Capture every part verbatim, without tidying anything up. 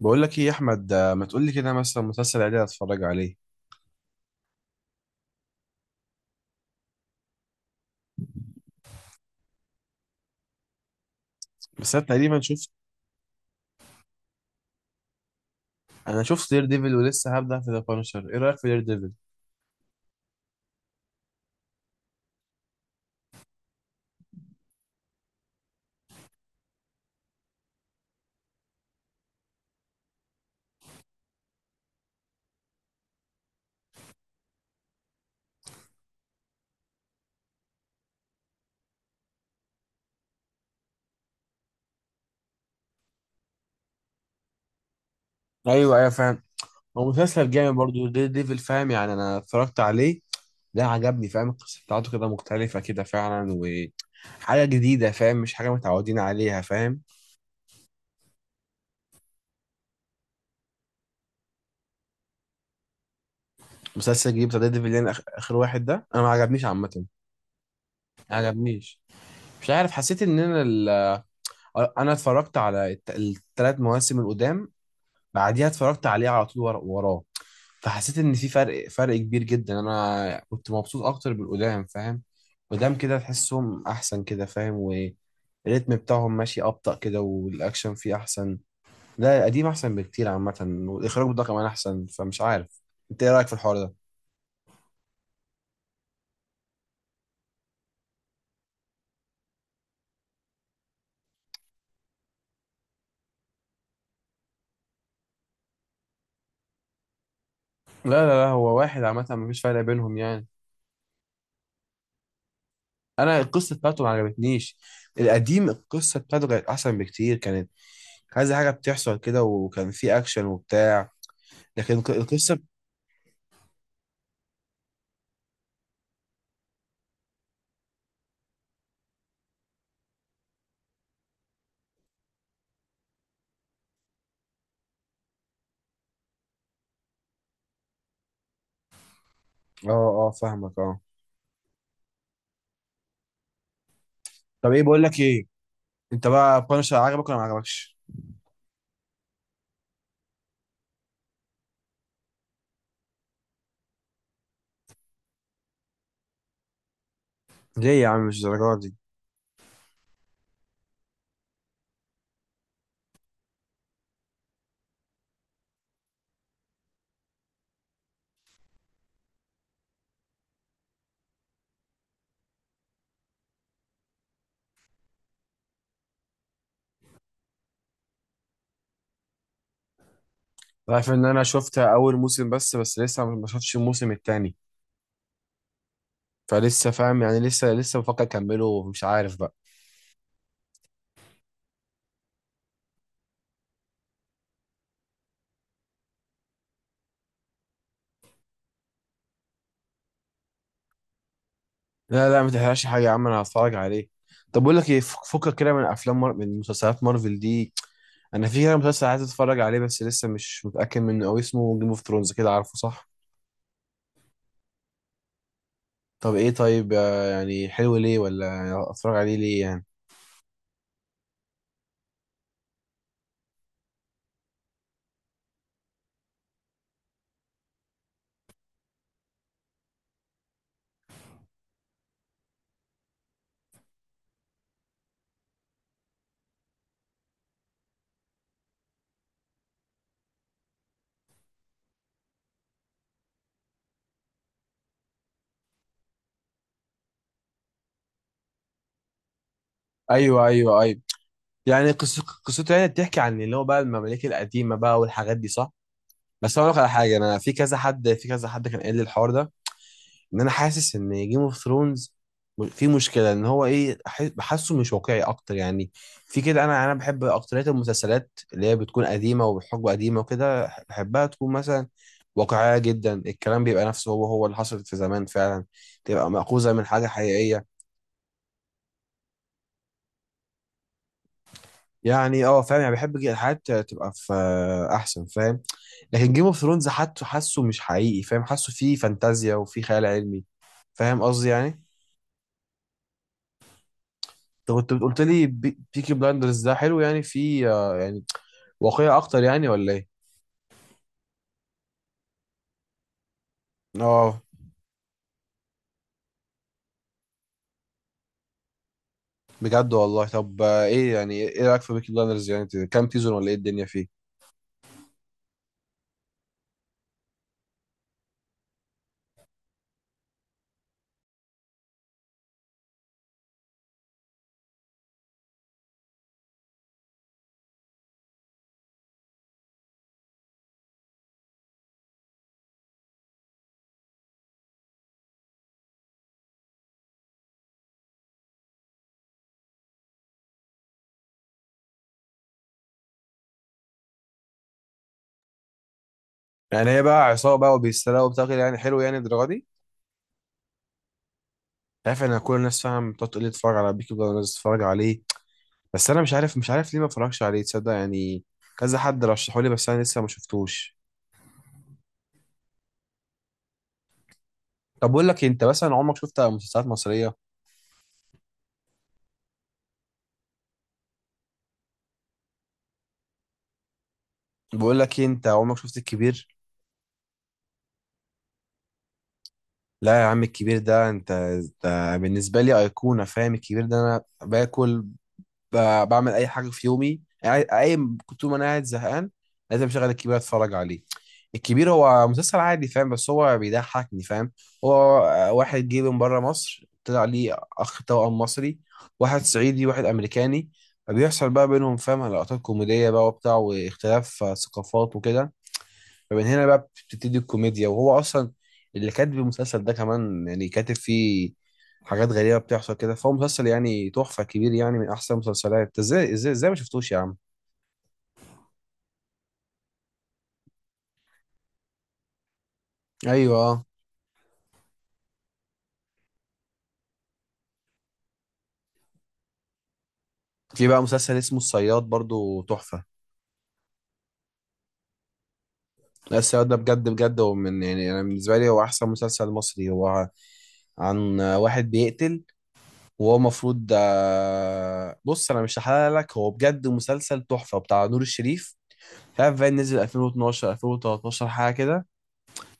بقول لك ايه يا احمد، آه، ما تقول لي كده مثلا مسلسل عادي اتفرج عليه. بس انا تقريبا شفت. انا شفت دير ديفل ولسه هبدا في ذا بانشر. ايه رايك في دير ديفل؟ ايوه ايوه، فاهم. هو مسلسل جامد برضو دير ديفل، فاهم يعني. انا اتفرجت عليه ده، عجبني فاهم. القصه بتاعته كده مختلفه كده فعلا، وحاجه جديده فاهم، مش حاجه متعودين عليها فاهم. مسلسل جديد بتاع دير ديفل اللي انا آخ- اخر واحد ده، انا ما عجبنيش عامه. ما عجبنيش. مش عارف، حسيت ان انا ال... انا اتفرجت على الت... الثلاث مواسم القدام، بعديها اتفرجت عليه على طول ورا- وراه. فحسيت ان في فرق فرق كبير جدا. انا كنت مبسوط اكتر بالقدام، فاهم. قدام كده تحسهم احسن كده، فاهم، والريتم بتاعهم ماشي ابطأ كده، والاكشن فيه احسن. لا، القديم احسن بكتير عامه. والاخراج ده كمان احسن، فمش عارف. انت ايه رايك في الحوار ده؟ لا لا لا هو واحد عامه، مفيش فرق بينهم يعني. انا القصه بتاعته ما عجبتنيش. القديم القصه بتاعته كانت احسن بكتير. كانت عايزه حاجه بتحصل كده، وكان في اكشن وبتاع، لكن الق- القصه. اه، اه فاهمك، اه. طب ايه، بقول لك ايه، انت بقى بانشر عجبك ولا ما عجبكش؟ ليه يا عم، مش الدرجه دي. أنا عارف ان انا شفتها اول موسم، بس بس لسه ما شفتش الموسم التاني. فلسه فاهم يعني، لسه لسه بفكر اكمله ومش عارف بقى. لا لا، ما تحرقش حاجه يا عم، انا هتفرج عليه. طب بقول لك ايه، فك- فكك كده من افلام مار... من مسلسلات مارفل دي. انا في كده مسلسل عايز اتفرج عليه بس لسه مش متاكد منه قوي، اسمه جيم اوف ثرونز كده، عارفه صح؟ طب ايه، طيب، آه، يعني حلو ليه؟ ولا اتفرج عليه ليه يعني؟ ايوه ايوه ايوه. يعني قص- قصته يعني بتحكي عن اللي هو بقى المماليك القديمه بقى والحاجات دي صح؟ بس اقول لك على حاجه، انا في كذا حد، في كذا حد كان قال لي الحوار ده، ان انا حاسس ان جيم اوف ثرونز في مشكله، ان هو ايه، أح- بحسه مش واقعي اكتر يعني. في كده، انا انا بحب اكتريه المسلسلات اللي هي بتكون قديمه وبحجم قديمه وكده، بحبها تكون مثلا واقعيه جدا، الكلام بيبقى نفسه، هو هو اللي حصلت في زمان فعلا، تبقى مأخوذه من حاجه حقيقيه. يعني اه فاهم يعني، بحب جي- الحاجات تبقى في احسن فاهم. لكن جيم اوف ثرونز حتى حاسه مش حقيقي، فاهم، حاسه فيه فانتازيا وفيه خيال علمي، فاهم قصدي يعني. انت كنت قلت لي بيكي بلاندرز ده حلو، يعني فيه آه، يعني واقعية اكتر يعني ولا ايه؟ اه، بجد والله. طب آه، ايه يعني، ايه رايك في بيكي بلاندرز يعني، كام سيزون ولا ايه الدنيا فيه؟ يعني هي بقى عصابه بقى وبيسرقوا وبتاكل يعني؟ حلو يعني الدرجه دي؟ عارف ان كل الناس فاهم بتقعد تقول لي اتفرج على بيكي بلاندرز، اتفرج عليه، بس انا مش عارف، مش عارف ليه ما اتفرجش عليه، تصدق يعني. كذا حد رشحه لي بس انا لسه ما شفتوش. طب بقول لك إيه، انت مثلا عمرك شفت مسلسلات مصريه؟ بقول لك إيه، انت عمرك شفت الكبير؟ لا يا عم الكبير ده، انت، ده بالنسبه لي ايقونه فاهم. الكبير ده انا باكل، ب- بعمل اي حاجه في يومي، قاعد- قايم، كنت طول ما انا قاعد زهقان لازم اشغل الكبير اتفرج عليه. الكبير هو مسلسل عادي فاهم، بس هو بيضحكني فاهم. هو واحد جه من بره مصر، طلع ليه اخ توأم مصري، واحد صعيدي واحد امريكاني، فبيحصل بقى بينهم فاهم لقطات كوميديه بقى وبتاع، واختلاف ثقافات وكده. فمن هنا بقى بتبتدي الكوميديا. وهو اصلا اللي كاتب المسلسل ده كمان يعني، كاتب فيه حاجات غريبه بتحصل كده. فهو مسلسل يعني تحفه كبير يعني، من احسن المسلسلات. ازاي ازاي ازاي ما شفتوش يا عم؟ ايوه آه. في بقى مسلسل اسمه الصياد برضو تحفه. لا الصياد ده بجد بجد، هو من يعني، انا بالنسبه لي هو احسن مسلسل مصري. هو عن واحد بيقتل، وهو المفروض آه، بص انا مش هحلل لك، هو بجد مسلسل تحفه، بتاع نور الشريف، مش عارف بقى نزل الفين واتناشر الفين وتلتاشر حاجه كده.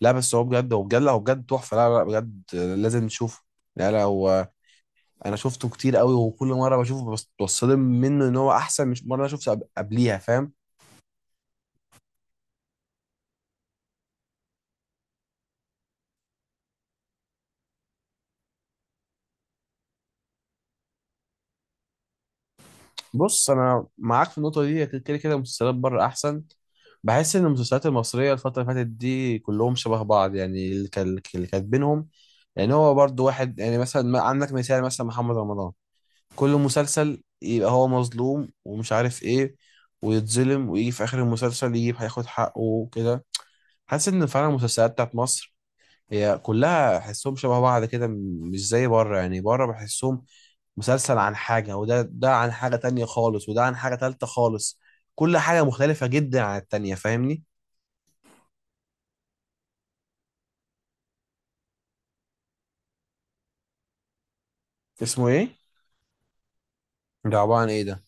لا بس هو بجد، هو بجد، لا هو بجد تحفه، لا لا بجد، آه، لازم نشوفه. لا لا هو انا شفته كتير قوي، وكل مره بشوفه بس بتصدم منه ان هو احسن، مش مره انا شفته قب- قبليها فاهم. بص انا معاك في النقطه دي، كده كده المسلسلات بره احسن. بحس ان المسلسلات المصريه الفتره اللي فاتت دي كلهم شبه بعض يعني، اللي كان- اللي كاتبينهم يعني هو برضو واحد يعني، مثلا، ما- عندك مثال مثلا محمد رمضان، كل مسلسل يبقى هو مظلوم ومش عارف ايه، ويتظلم ويجي في اخر المسلسل يجيب هياخد حقه وكده. حاسس ان فعلا المسلسلات بتاعت مصر هي كلها احسهم شبه بعض كده، م- مش زي بره يعني. بره بحسهم مسلسل عن حاجه، وده ده عن حاجه تانية خالص، وده عن حاجه تالتة خالص، كل حاجه مختلفه جدا عن التانية فاهمني. اسمه ايه ده؟ عباره عن ايه ده؟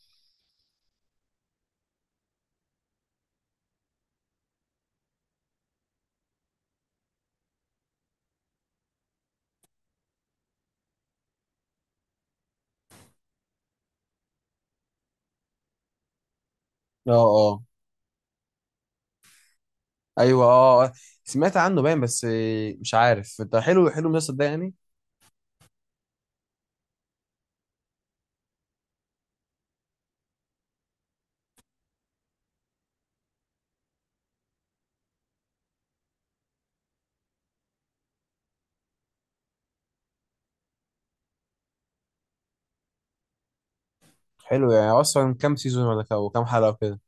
اه اه ايوه اه آه. سمعت عنه باين، بس آه، مش عارف ده حلو، حلو المسلسل ده يعني؟ حلو يعني، اصلا كام سيزون ولا كا- وكام حلقه وكده؟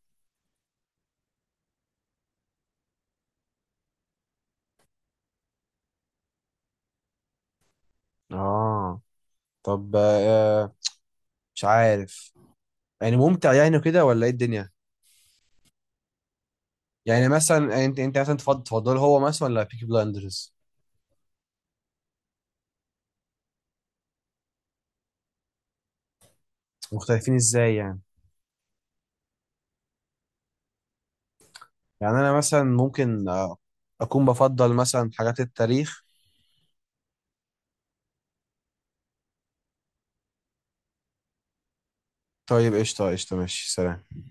اه، طب آه، مش عارف، يعني ممتع يعني كده ولا ايه الدنيا؟ يعني مثلا يعني، انت انت مثلا تفضل، تفضل هو مثلا ولا بيكي بلايندرز؟ مختلفين ازاي يعني؟ يعني انا مثلا ممكن آه، اكون بفضل مثلا حاجات التاريخ. طيب، قشطه قشطه ماشي، سلام.